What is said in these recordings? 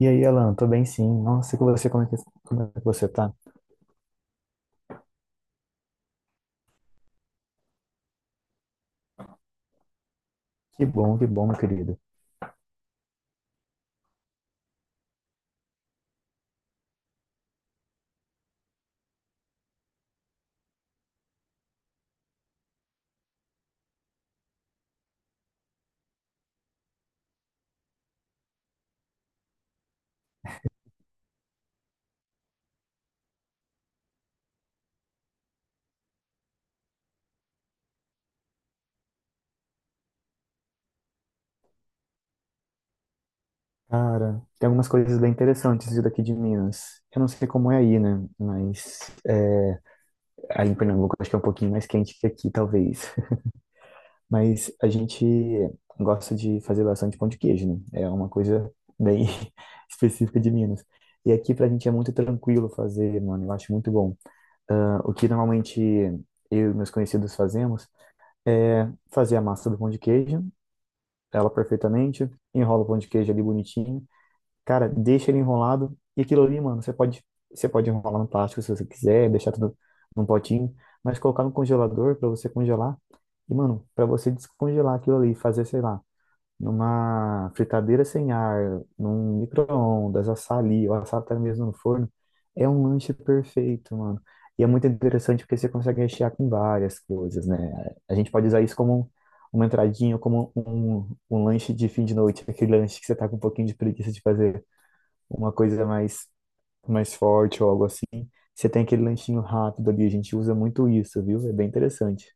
E aí, Alan, tô bem sim. Nossa, e com você, como é que você tá? Que bom, meu querido. Cara, tem algumas coisas bem interessantes de daqui de Minas. Eu não sei como é aí, né? Mas é, aí em Pernambuco acho que é um pouquinho mais quente que aqui, talvez. Mas a gente gosta de fazer bastante pão de queijo, né? É uma coisa bem específica de Minas. E aqui pra gente é muito tranquilo fazer, mano. Eu acho muito bom. Ah, o que normalmente eu e meus conhecidos fazemos é fazer a massa do pão de queijo ela perfeitamente, enrola o pão de queijo ali bonitinho. Cara, deixa ele enrolado. E aquilo ali, mano, você pode enrolar no plástico se você quiser, deixar tudo num potinho, mas colocar no congelador pra você congelar. E, mano, pra você descongelar aquilo ali, fazer, sei lá, numa fritadeira sem ar, num micro-ondas, assar ali, ou assar até mesmo no forno, é um lanche perfeito, mano. E é muito interessante porque você consegue rechear com várias coisas, né? A gente pode usar isso uma entradinha, como um lanche de fim de noite, aquele lanche que você tá com um pouquinho de preguiça de fazer uma coisa mais forte ou algo assim. Você tem aquele lanchinho rápido ali, a gente usa muito isso, viu? É bem interessante.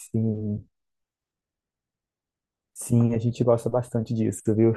Sim, sim, a gente gosta bastante disso, viu?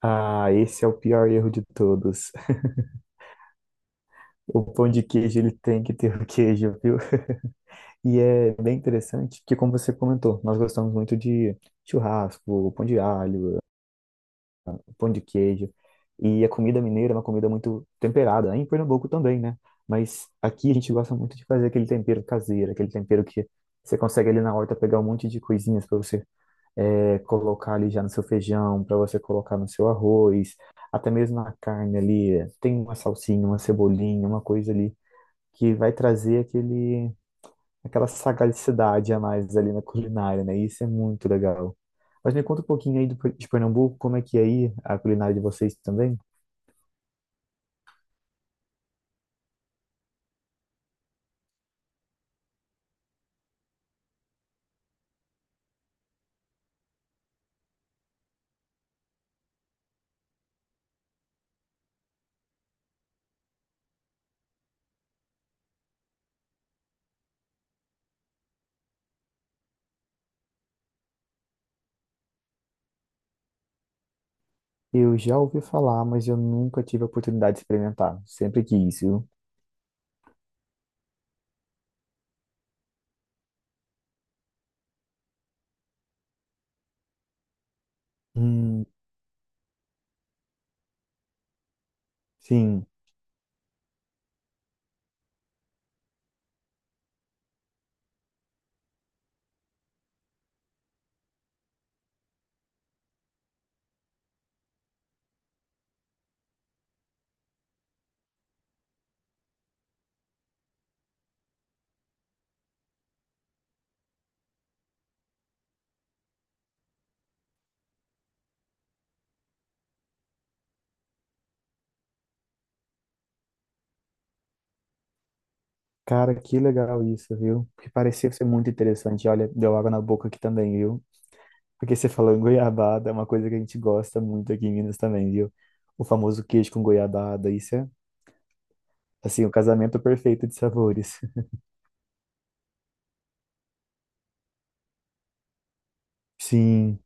Ah, esse é o pior erro de todos. O pão de queijo, ele tem que ter o queijo, viu? E é bem interessante, porque como você comentou, nós gostamos muito de churrasco, pão de alho, pão de queijo. E a comida mineira é uma comida muito temperada, né? Em Pernambuco também, né? Mas aqui a gente gosta muito de fazer aquele tempero caseiro, aquele tempero que você consegue ali na horta pegar um monte de coisinhas para você colocar ali já no seu feijão, para você colocar no seu arroz, até mesmo na carne ali, tem uma salsinha, uma cebolinha, uma coisa ali que vai trazer aquela sagacidade a mais ali na culinária, né? Isso é muito legal. Mas me conta um pouquinho aí de Pernambuco, como é que é aí a culinária de vocês também? Eu já ouvi falar, mas eu nunca tive a oportunidade de experimentar. Sempre quis, viu? Hum, sim. Cara, que legal isso, viu? Porque parecia ser muito interessante. Olha, deu água na boca aqui também, viu? Porque você falou em goiabada, é uma coisa que a gente gosta muito aqui em Minas também, viu? O famoso queijo com goiabada, isso é, assim, o casamento perfeito de sabores. Sim,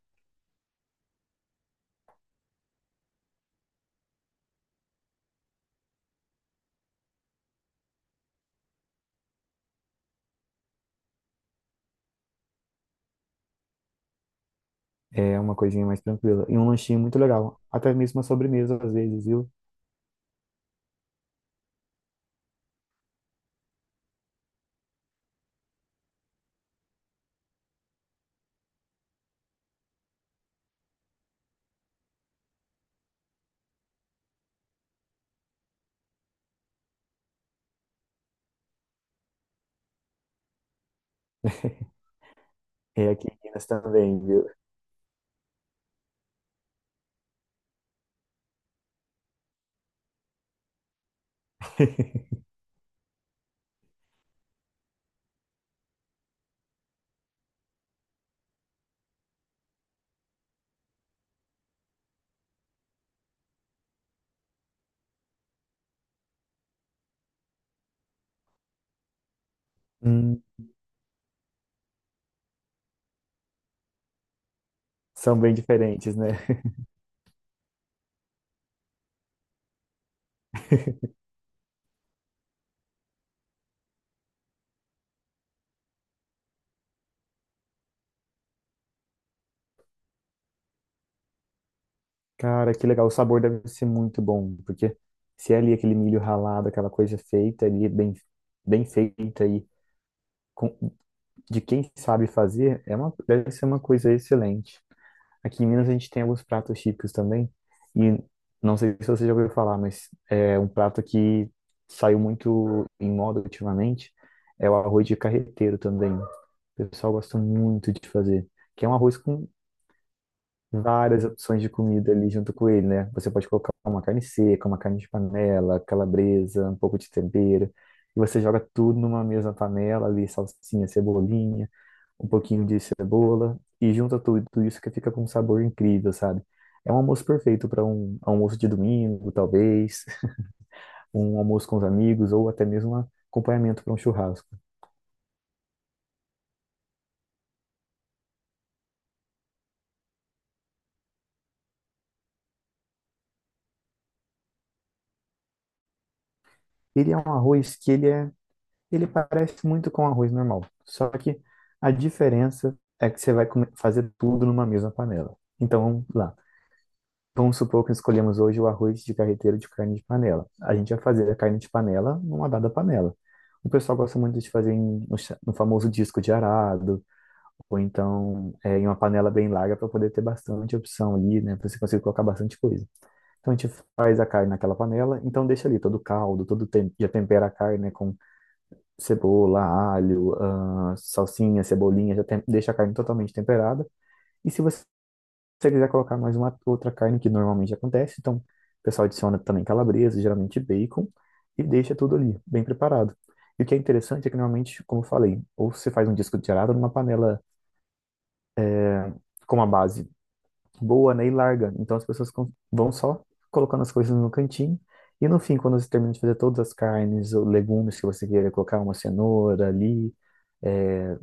é uma coisinha mais tranquila. E um lanchinho muito legal. Até mesmo uma sobremesa, às vezes, viu? É aqui em Minas também, viu? Hum, são bem diferentes, né? Cara, que legal. O sabor deve ser muito bom, porque se é ali aquele milho ralado, aquela coisa feita ali, bem, bem feita e com de quem sabe fazer deve ser uma coisa excelente. Aqui em Minas a gente tem alguns pratos típicos também, e não sei se você já ouviu falar, mas é um prato que saiu muito em moda ultimamente, é o arroz de carreteiro também. O pessoal gosta muito de fazer, que é um arroz com várias opções de comida ali junto com ele, né? Você pode colocar uma carne seca, uma carne de panela, calabresa, um pouco de tempero. E você joga tudo numa mesma panela ali, salsinha, cebolinha, um pouquinho de cebola e junta tudo, tudo isso que fica com um sabor incrível, sabe? É um almoço perfeito para um almoço de domingo, talvez, um almoço com os amigos ou até mesmo um acompanhamento para um churrasco. Ele é um arroz que ele é Ele parece muito com arroz normal, só que a diferença é que você vai fazer tudo numa mesma panela. Então, vamos lá. Vamos supor que escolhemos hoje o arroz de carreteiro de carne de panela. A gente vai fazer a carne de panela numa dada panela. O pessoal gosta muito de fazer no famoso disco de arado, ou então em uma panela bem larga para poder ter bastante opção ali, né? Para você conseguir colocar bastante coisa. Então a gente faz a carne naquela panela, então deixa ali todo o caldo, já tempera a carne, né, com cebola, alho, salsinha, cebolinha, já deixa a carne totalmente temperada. E se você quiser colocar mais uma outra carne que normalmente acontece, então o pessoal adiciona também calabresa, geralmente bacon, e deixa tudo ali, bem preparado. E o que é interessante é que normalmente, como eu falei, ou você faz um disco de charada numa panela com uma base boa, né, e larga. Então as pessoas vão só colocando as coisas no cantinho. E no fim, quando você termina de fazer todas as carnes ou legumes que você queira colocar, uma cenoura ali, eh,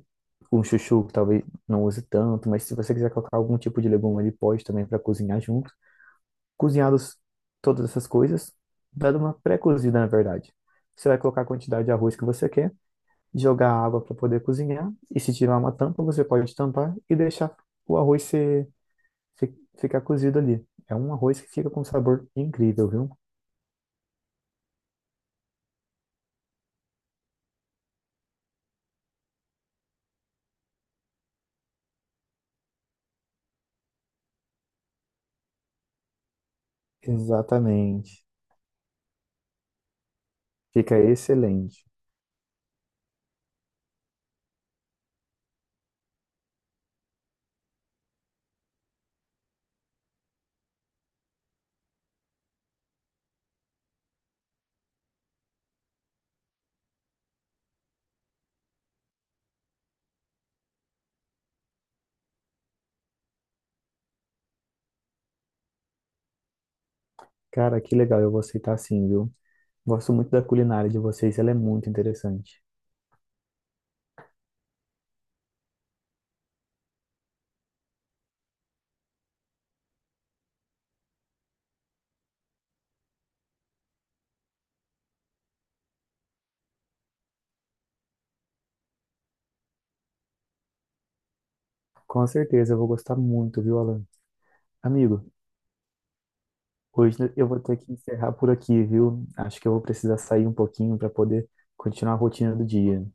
um chuchu que talvez não use tanto, mas se você quiser colocar algum tipo de legume ali, pode também para cozinhar junto. Cozinhados todas essas coisas, dando uma pré-cozida, na verdade. Você vai colocar a quantidade de arroz que você quer, jogar água para poder cozinhar, e se tiver uma tampa, você pode tampar e deixar o arroz ficar cozido ali. É um arroz que fica com um sabor incrível, viu? Exatamente. Fica excelente. Cara, que legal, eu vou aceitar sim, viu? Gosto muito da culinária de vocês, ela é muito interessante. Com certeza, eu vou gostar muito, viu, Alan? Amigo, hoje eu vou ter que encerrar por aqui, viu? Acho que eu vou precisar sair um pouquinho para poder continuar a rotina do dia.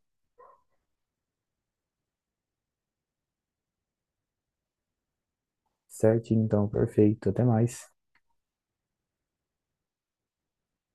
Certinho, então, perfeito. Até mais.